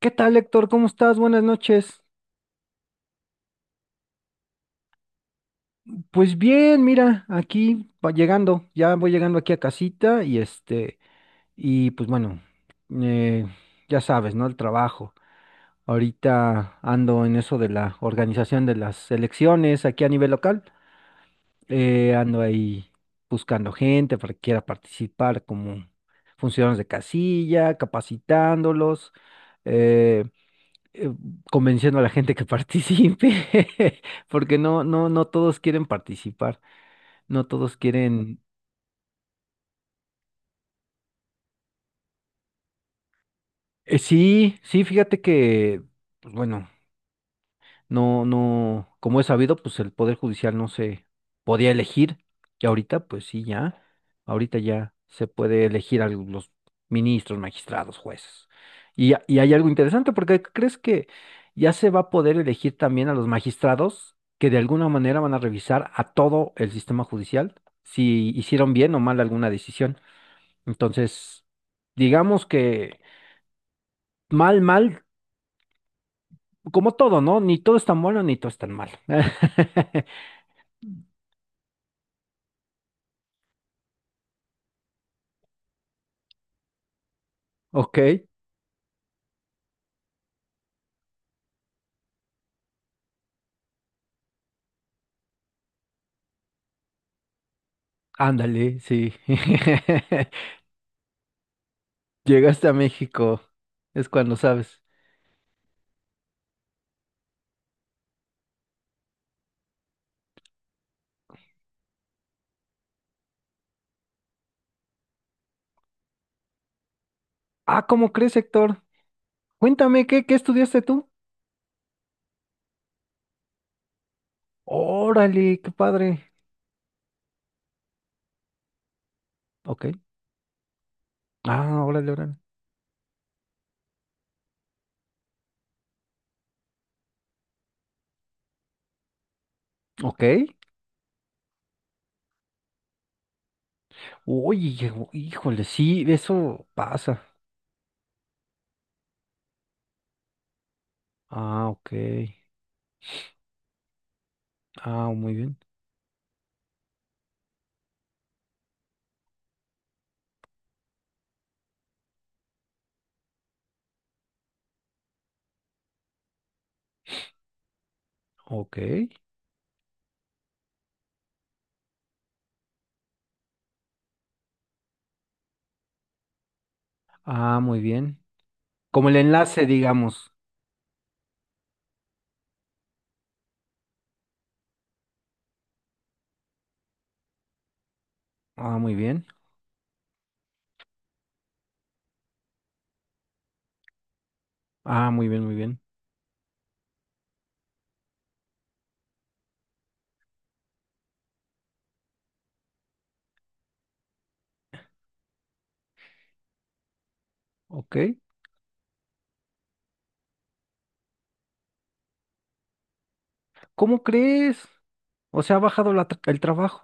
¿Qué tal, Héctor? ¿Cómo estás? Buenas noches. Pues bien, mira, aquí va llegando, ya voy llegando aquí a casita y pues bueno, eh, ya sabes, ¿no? El trabajo. Ahorita ando en eso de la organización de las elecciones aquí a nivel local. Ando ahí buscando gente para que quiera participar como funcionarios de casilla, capacitándolos. eh, eh, Convenciendo a la gente que participe, porque no todos quieren participar, no todos quieren. Sí, sí, fíjate que, pues bueno, no, no, como es sabido, pues el Poder Judicial no se podía elegir. Y ahorita, pues sí, ya. Ahorita ya se puede elegir a los ministros, magistrados, jueces. Y, y hay algo interesante, porque crees que ya se va a poder elegir también a los magistrados que de alguna manera van a revisar a todo el sistema judicial si hicieron bien o mal alguna decisión. Entonces, digamos que mal, mal, como todo, ¿no? Ni todo es tan bueno, ni todo es tan mal. Ok, ándale, sí. Llegaste a México, es cuando sabes. Ah, ¿cómo crees, Héctor? Cuéntame, ¿qué estudiaste tú? Órale, qué padre. Ok. Ah, órale, órale. Ok. Oye, híjole, sí, eso pasa. Ah, ok. Ah, muy bien. Ok. Ah, muy bien. Como el enlace, digamos. Ah, muy bien. Ah, muy bien, muy bien. Ok. ¿Cómo crees? O sea, ha bajado el trabajo.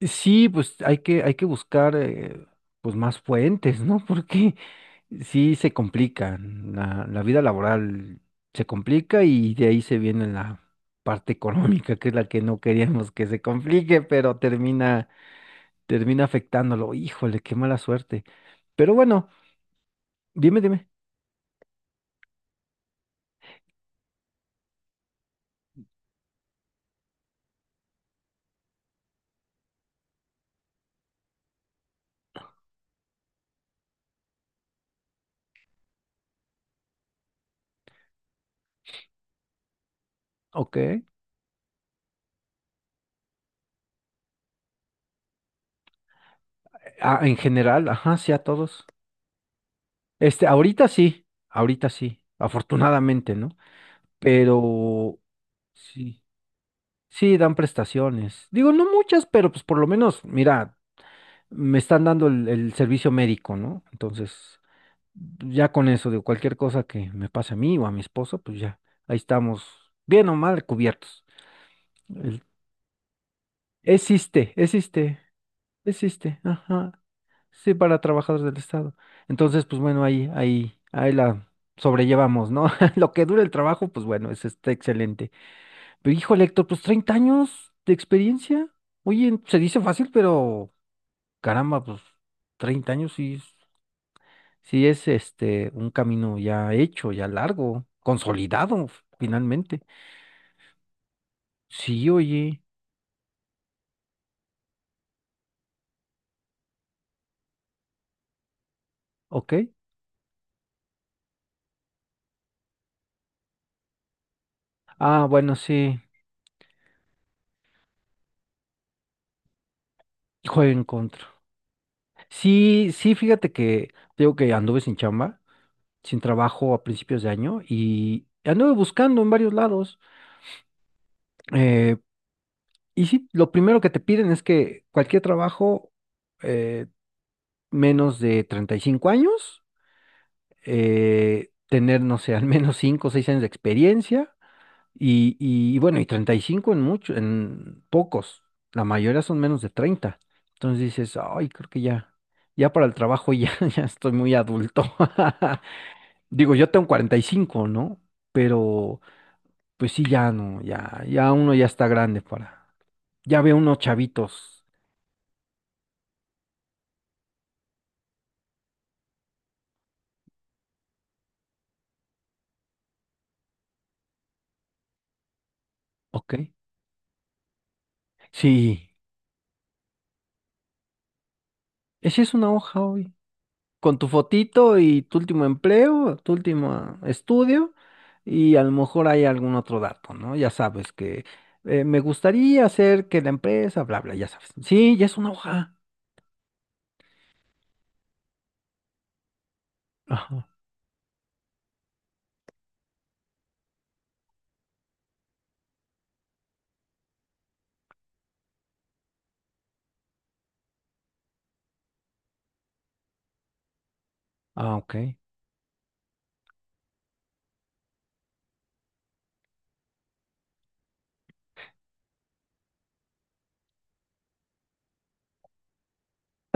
Sí, pues hay que buscar pues más fuentes, ¿no? Porque sí se complica, la vida laboral se complica y de ahí se viene la parte económica, que es la que no queríamos que se complique, pero termina afectándolo. Híjole, qué mala suerte. Pero bueno, dime, dime. Ok. Ah, en general, ajá, sí a todos. Este, ahorita sí, afortunadamente, ¿no? Pero sí. Sí, dan prestaciones. Digo, no muchas, pero pues por lo menos, mira, me están dando el servicio médico, ¿no? Entonces, ya con eso, digo, cualquier cosa que me pase a mí o a mi esposo, pues ya, ahí estamos, bien o mal cubiertos. El- existe, existe, Existe, ajá. Sí, para trabajadores del Estado. Entonces, pues bueno, ahí la sobrellevamos, ¿no? Lo que dura el trabajo, pues bueno, eso está excelente. Pero híjole, Héctor, pues 30 años de experiencia. Oye, se dice fácil, pero caramba, pues 30 años sí, sí es este un camino ya hecho, ya largo, consolidado finalmente. Sí, oye, ok. Ah, bueno, sí, juego en contra. Sí, sí, fíjate que digo que anduve sin chamba, sin trabajo a principios de año y anduve buscando en varios lados. Eh, y sí, lo primero que te piden es que cualquier trabajo eh, menos de 35 años, tener, no sé, al menos 5 o 6 años de experiencia y bueno, y 35 en muchos, en pocos, la mayoría son menos de 30. Entonces dices, ay, creo que ya, ya para el trabajo ya, ya estoy muy adulto. Digo, yo tengo 45, ¿no? Pero pues sí, ya no, ya, ya uno ya está grande para, ya ve unos chavitos, ¿ok? Sí, esa es una hoja hoy. Con tu fotito y tu último empleo, tu último estudio, y a lo mejor hay algún otro dato, ¿no? Ya sabes que me gustaría hacer que la empresa, bla, bla, ya sabes. Sí, ya es una hoja. Ajá. Ah, ok.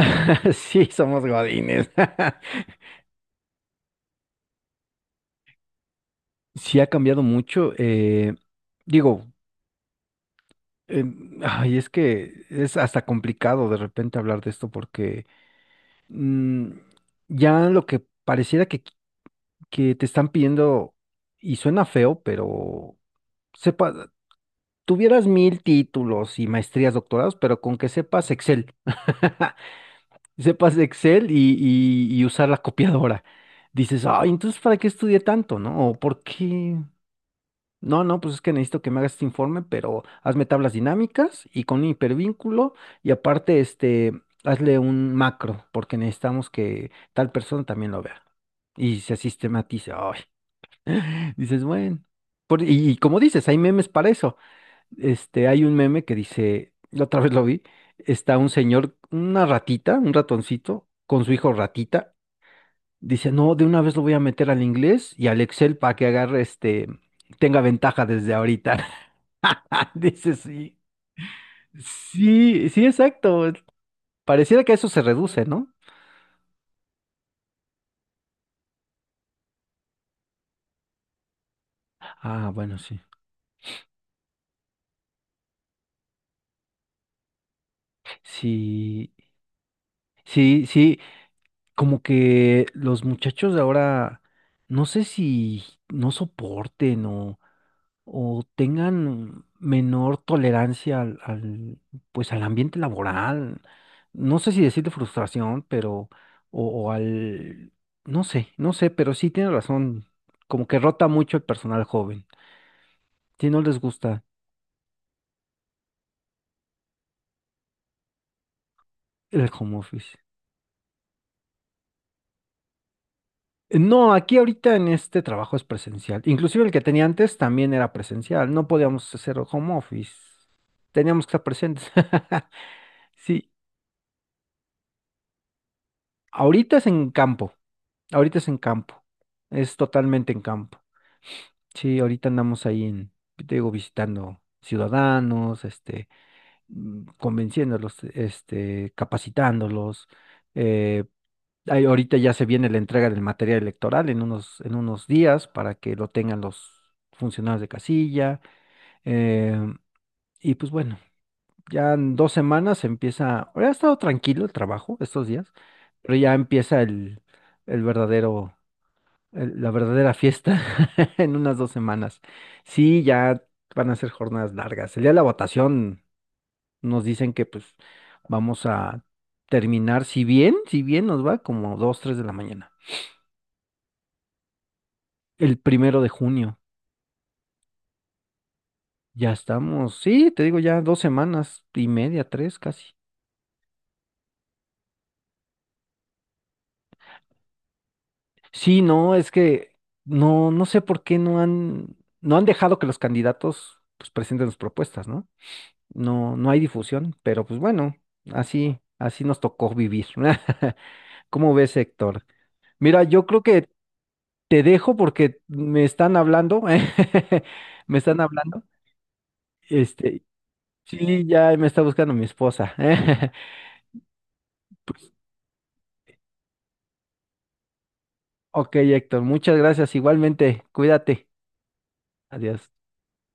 Sí, somos godines. Sí ha cambiado mucho. Digo, ay, es que es hasta complicado de repente hablar de esto porque mm, ya lo que pareciera que te están pidiendo, y suena feo, pero sepa, tuvieras mil títulos y maestrías, doctorados, pero con que sepas Excel, sepas Excel y usar la copiadora. Dices, ay, entonces, ¿para qué estudié tanto, no? ¿O por qué? No, no, pues es que necesito que me hagas este informe, pero hazme tablas dinámicas y con un hipervínculo y aparte, este, hazle un macro, porque necesitamos que tal persona también lo vea y se sistematice. Ay, dices, bueno. Y, y como dices, hay memes para eso. Este, hay un meme que dice, la otra vez lo vi, está un señor, una ratita, un ratoncito, con su hijo ratita. Dice, no, de una vez lo voy a meter al inglés y al Excel para que agarre este, tenga ventaja desde ahorita. Dice, sí. Sí, sí, exacto. Pareciera que a eso se reduce, ¿no? Ah, bueno, sí. Sí, sí, sí. Como que los muchachos de ahora, no sé si no soporten o tengan menor tolerancia al, pues al ambiente laboral. No sé si decirle frustración, pero, o al, no sé, no sé, pero sí tiene razón. Como que rota mucho el personal joven. Si no les gusta el home office. No, aquí ahorita en este trabajo es presencial. Inclusive el que tenía antes también era presencial. No podíamos hacer home office. Teníamos que estar presentes. Sí, ahorita es en campo. Ahorita es en campo. Es totalmente en campo. Sí, ahorita andamos ahí en, te digo, visitando ciudadanos, este, convenciéndolos, este, capacitándolos, eh, ahí ahorita ya se viene la entrega del material electoral en unos días para que lo tengan los funcionarios de casilla. eh, y pues bueno, ya en 2 semanas empieza, ha estado tranquilo el trabajo estos días, pero ya empieza el verdadero, la verdadera fiesta en unas 2 semanas. Sí, ya van a ser jornadas largas. El día de la votación nos dicen que pues vamos a terminar, si bien nos va como dos, tres de la mañana. El 1 de junio. Ya estamos. Sí, te digo ya 2 semanas y media, tres casi. Sí, no, es que no, no sé por qué no han, no han dejado que los candidatos pues, presenten sus propuestas, ¿no? No, no hay difusión, pero pues bueno, así, así nos tocó vivir. ¿Cómo ves, Héctor? Mira, yo creo que te dejo porque me están hablando, me están hablando. Este, sí, ya me está buscando mi esposa. Pues ok, Héctor, muchas gracias. Igualmente, cuídate. Adiós.